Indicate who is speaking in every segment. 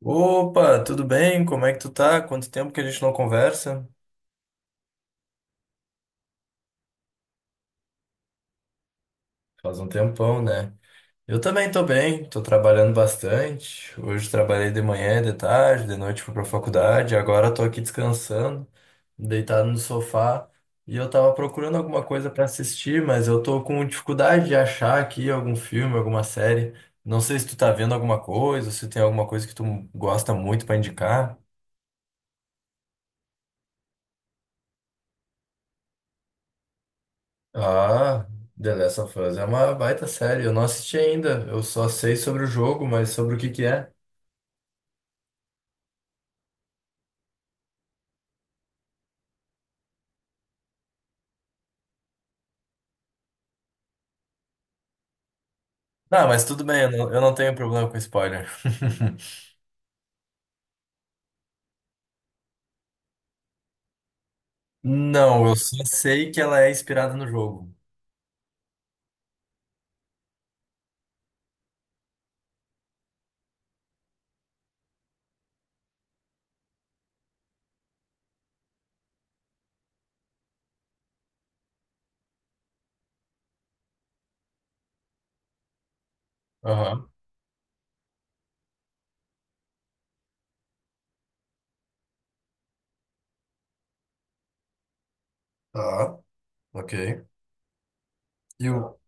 Speaker 1: Opa, tudo bem? Como é que tu tá? Quanto tempo que a gente não conversa? Faz um tempão, né? Eu também tô bem, tô trabalhando bastante. Hoje trabalhei de manhã, de tarde, de noite fui pra faculdade. Agora tô aqui descansando, deitado no sofá. E eu tava procurando alguma coisa pra assistir, mas eu tô com dificuldade de achar aqui algum filme, alguma série. Não sei se tu tá vendo alguma coisa, se tem alguma coisa que tu gosta muito pra indicar. Ah, The Last of Us é uma baita série. Eu não assisti ainda. Eu só sei sobre o jogo, mas sobre o que que é. Não, mas tudo bem, eu não tenho problema com spoiler. Não, eu só sei que ela é inspirada no jogo. Aham. Tá, ok. E o...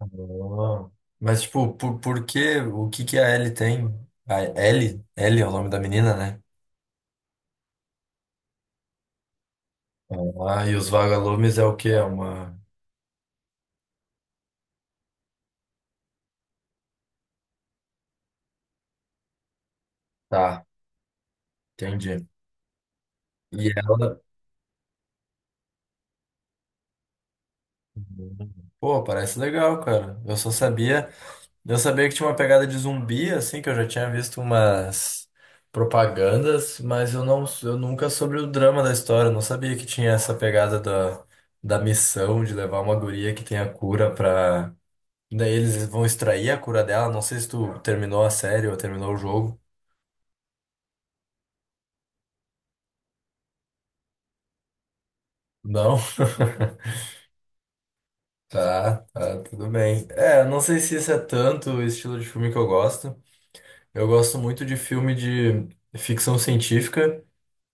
Speaker 1: Ah. Mas, tipo, o que que a Ellie tem? A Ellie? Ellie é o nome da menina, né? Ah, e os vagalumes é o quê? É uma... Tá, entendi. E ela... Pô, parece legal, cara. Eu só sabia, eu sabia que tinha uma pegada de zumbi, assim, que eu já tinha visto umas propagandas, mas eu nunca soube o drama da história. Eu não sabia que tinha essa pegada da missão de levar uma guria que tem a cura pra. Daí eles vão extrair a cura dela. Não sei se tu terminou a série ou terminou o jogo. Não? Tá, tá, tudo bem. É, eu não sei se isso é tanto o estilo de filme que eu gosto. Eu gosto muito de filme de ficção científica,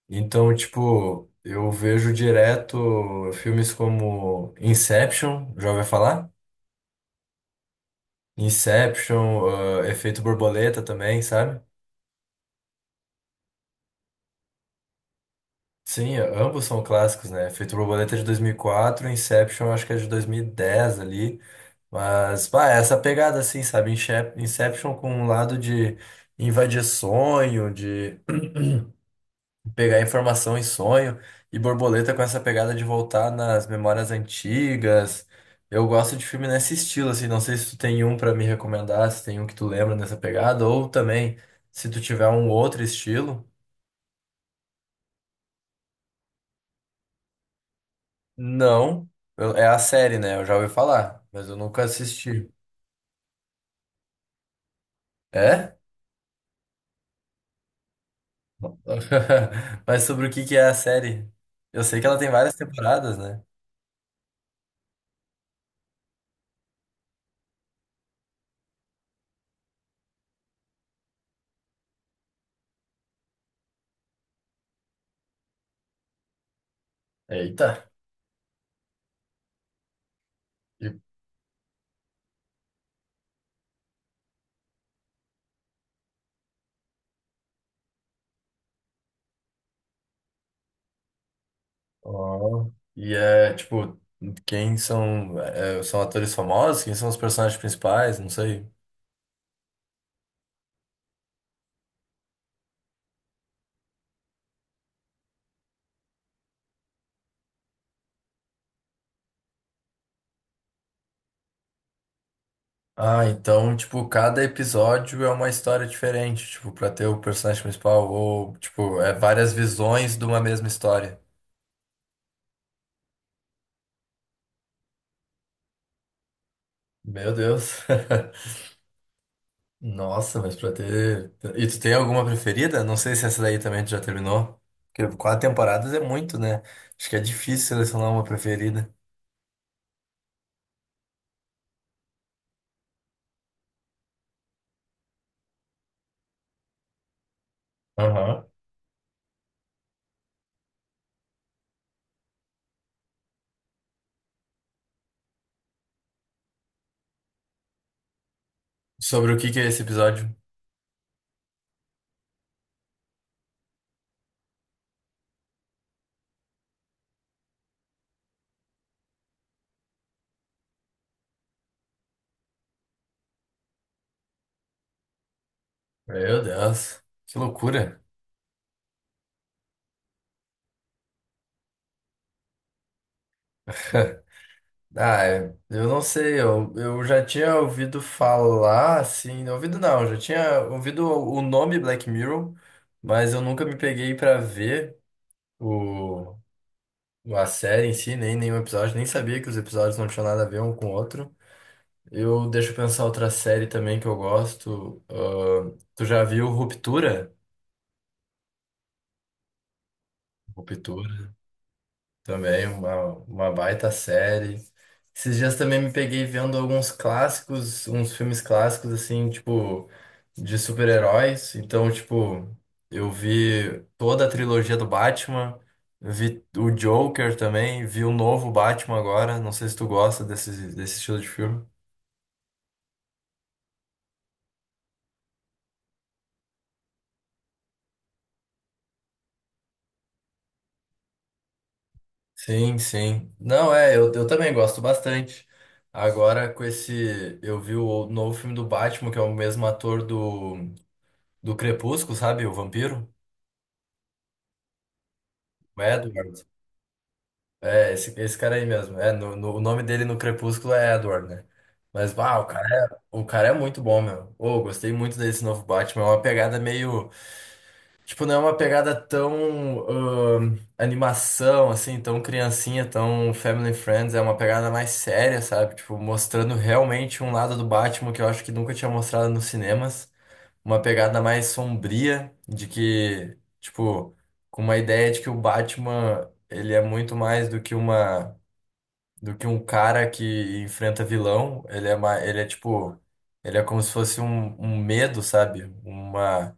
Speaker 1: então, tipo, eu vejo direto filmes como Inception, já ouviu falar? Inception, ah, Efeito Borboleta também, sabe? Sim, ambos são clássicos, né? Efeito Borboleta é de 2004, Inception acho que é de 2010 ali, mas, pá, é essa pegada assim, sabe? Inception com um lado de invadir sonho, de pegar informação em sonho e borboleta com essa pegada de voltar nas memórias antigas. Eu gosto de filme nesse estilo, assim, não sei se tu tem um pra me recomendar, se tem um que tu lembra nessa pegada, ou também se tu tiver um outro estilo. Não, é a série, né? Eu já ouvi falar, mas eu nunca assisti. É? Mas sobre o que que é a série? Eu sei que ela tem várias temporadas, né? Eita. Ó. E é, tipo, quem são, é, são atores famosos? Quem são os personagens principais? Não sei. Ah, então, tipo, cada episódio é uma história diferente, tipo, pra ter o personagem principal, ou, tipo, é várias visões de uma mesma história. Meu Deus. Nossa, mas pra ter. E tu tem alguma preferida? Não sei se essa daí também tu já terminou. Porque quatro temporadas é muito, né? Acho que é difícil selecionar uma preferida. Aham. Sobre o que que é esse episódio? Meu Deus, que loucura. Ah, é, eu não sei, eu já tinha ouvido falar, assim, ouvido não, já tinha ouvido o nome Black Mirror, mas eu nunca me peguei pra ver o, a série em si, nem nenhum episódio, nem sabia que os episódios não tinham nada a ver um com o outro. Eu deixo eu pensar outra série também que eu gosto. Ahn, tu já viu Ruptura? Ruptura também, uma baita série. Esses dias também me peguei vendo alguns clássicos, uns filmes clássicos, assim, tipo, de super-heróis. Então, tipo, eu vi toda a trilogia do Batman, vi o Joker também, vi o novo Batman agora. Não sei se tu gosta desse estilo de filme. Sim, sim. Não, é, eu também gosto bastante. Agora, com esse. Eu vi o novo filme do Batman, que é o mesmo ator do Crepúsculo, sabe? O Vampiro, o Edward. É, esse cara aí mesmo. É, o nome dele no Crepúsculo é Edward, né? Mas, uau, o cara é muito bom, meu. Ô, gostei muito desse novo Batman. É uma pegada meio. Tipo, não é uma pegada tão animação, assim, tão criancinha, tão family friends. É uma pegada mais séria, sabe? Tipo, mostrando realmente um lado do Batman que eu acho que nunca tinha mostrado nos cinemas. Uma pegada mais sombria, de que, tipo, com uma ideia de que o Batman, ele é muito mais do que uma do que um cara que enfrenta vilão. Ele é uma, ele é tipo, ele é como se fosse um medo, sabe?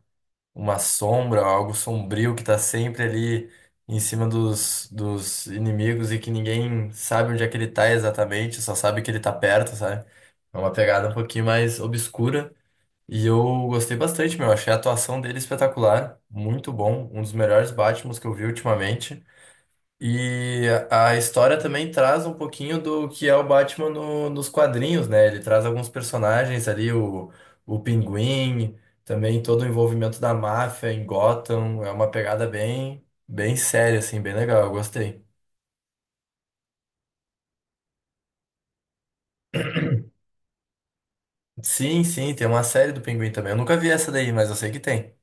Speaker 1: Uma sombra, algo sombrio que tá sempre ali em cima dos inimigos e que ninguém sabe onde é que ele tá exatamente, só sabe que ele tá perto, sabe? É uma pegada um pouquinho mais obscura. E eu gostei bastante, meu. Achei a atuação dele espetacular, muito bom, um dos melhores Batmans que eu vi ultimamente. E a história também traz um pouquinho do que é o Batman nos quadrinhos, né? Ele traz alguns personagens ali, o Pinguim, também todo o envolvimento da máfia em Gotham. É uma pegada bem, bem séria, assim, bem legal. Eu gostei. Sim, sim, tem uma série do Pinguim também. Eu nunca vi essa daí, mas eu sei que tem.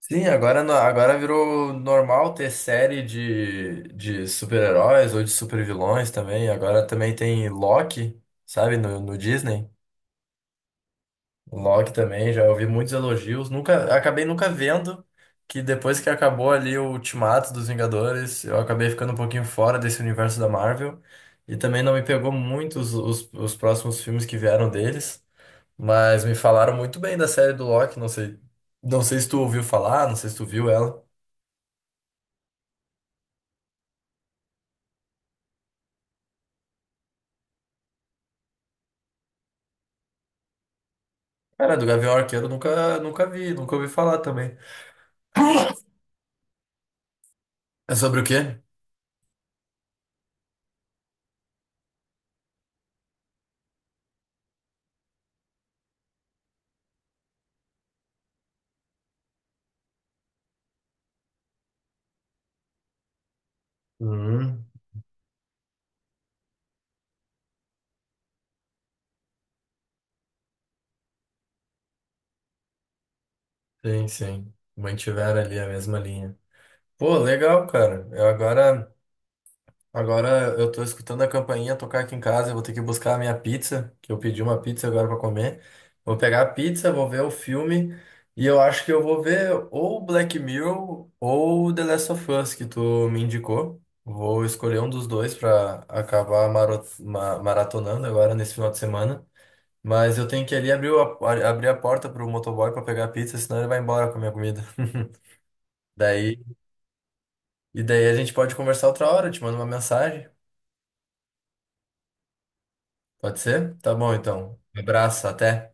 Speaker 1: Sim, agora, agora virou normal ter série de super-heróis ou de super-vilões também. Agora também tem Loki, sabe, no Disney. O Loki também, já ouvi muitos elogios. Nunca, acabei nunca vendo que depois que acabou ali o Ultimato dos Vingadores, eu acabei ficando um pouquinho fora desse universo da Marvel. E também não me pegou muito os próximos filmes que vieram deles. Mas me falaram muito bem da série do Loki. Não sei, não sei se tu ouviu falar, não sei se tu viu ela. Cara, do Gavião Arqueiro eu nunca, nunca vi, nunca ouvi falar também. É sobre o quê? Hum, sim, sim. Mantiveram ali a mesma linha. Pô, legal, cara. Eu agora. Agora eu tô escutando a campainha tocar aqui em casa. Eu vou ter que buscar a minha pizza, que eu pedi uma pizza agora pra comer. Vou pegar a pizza, vou ver o filme. E eu acho que eu vou ver ou Black Mirror ou The Last of Us, que tu me indicou. Vou escolher um dos dois pra acabar maratonando agora nesse final de semana. Mas eu tenho que ali abrir a, abrir a porta pro motoboy pra pegar a pizza, senão ele vai embora com a minha comida. Daí, e daí a gente pode conversar outra hora, eu te mando uma mensagem. Pode ser? Tá bom, então. Um abraço, até.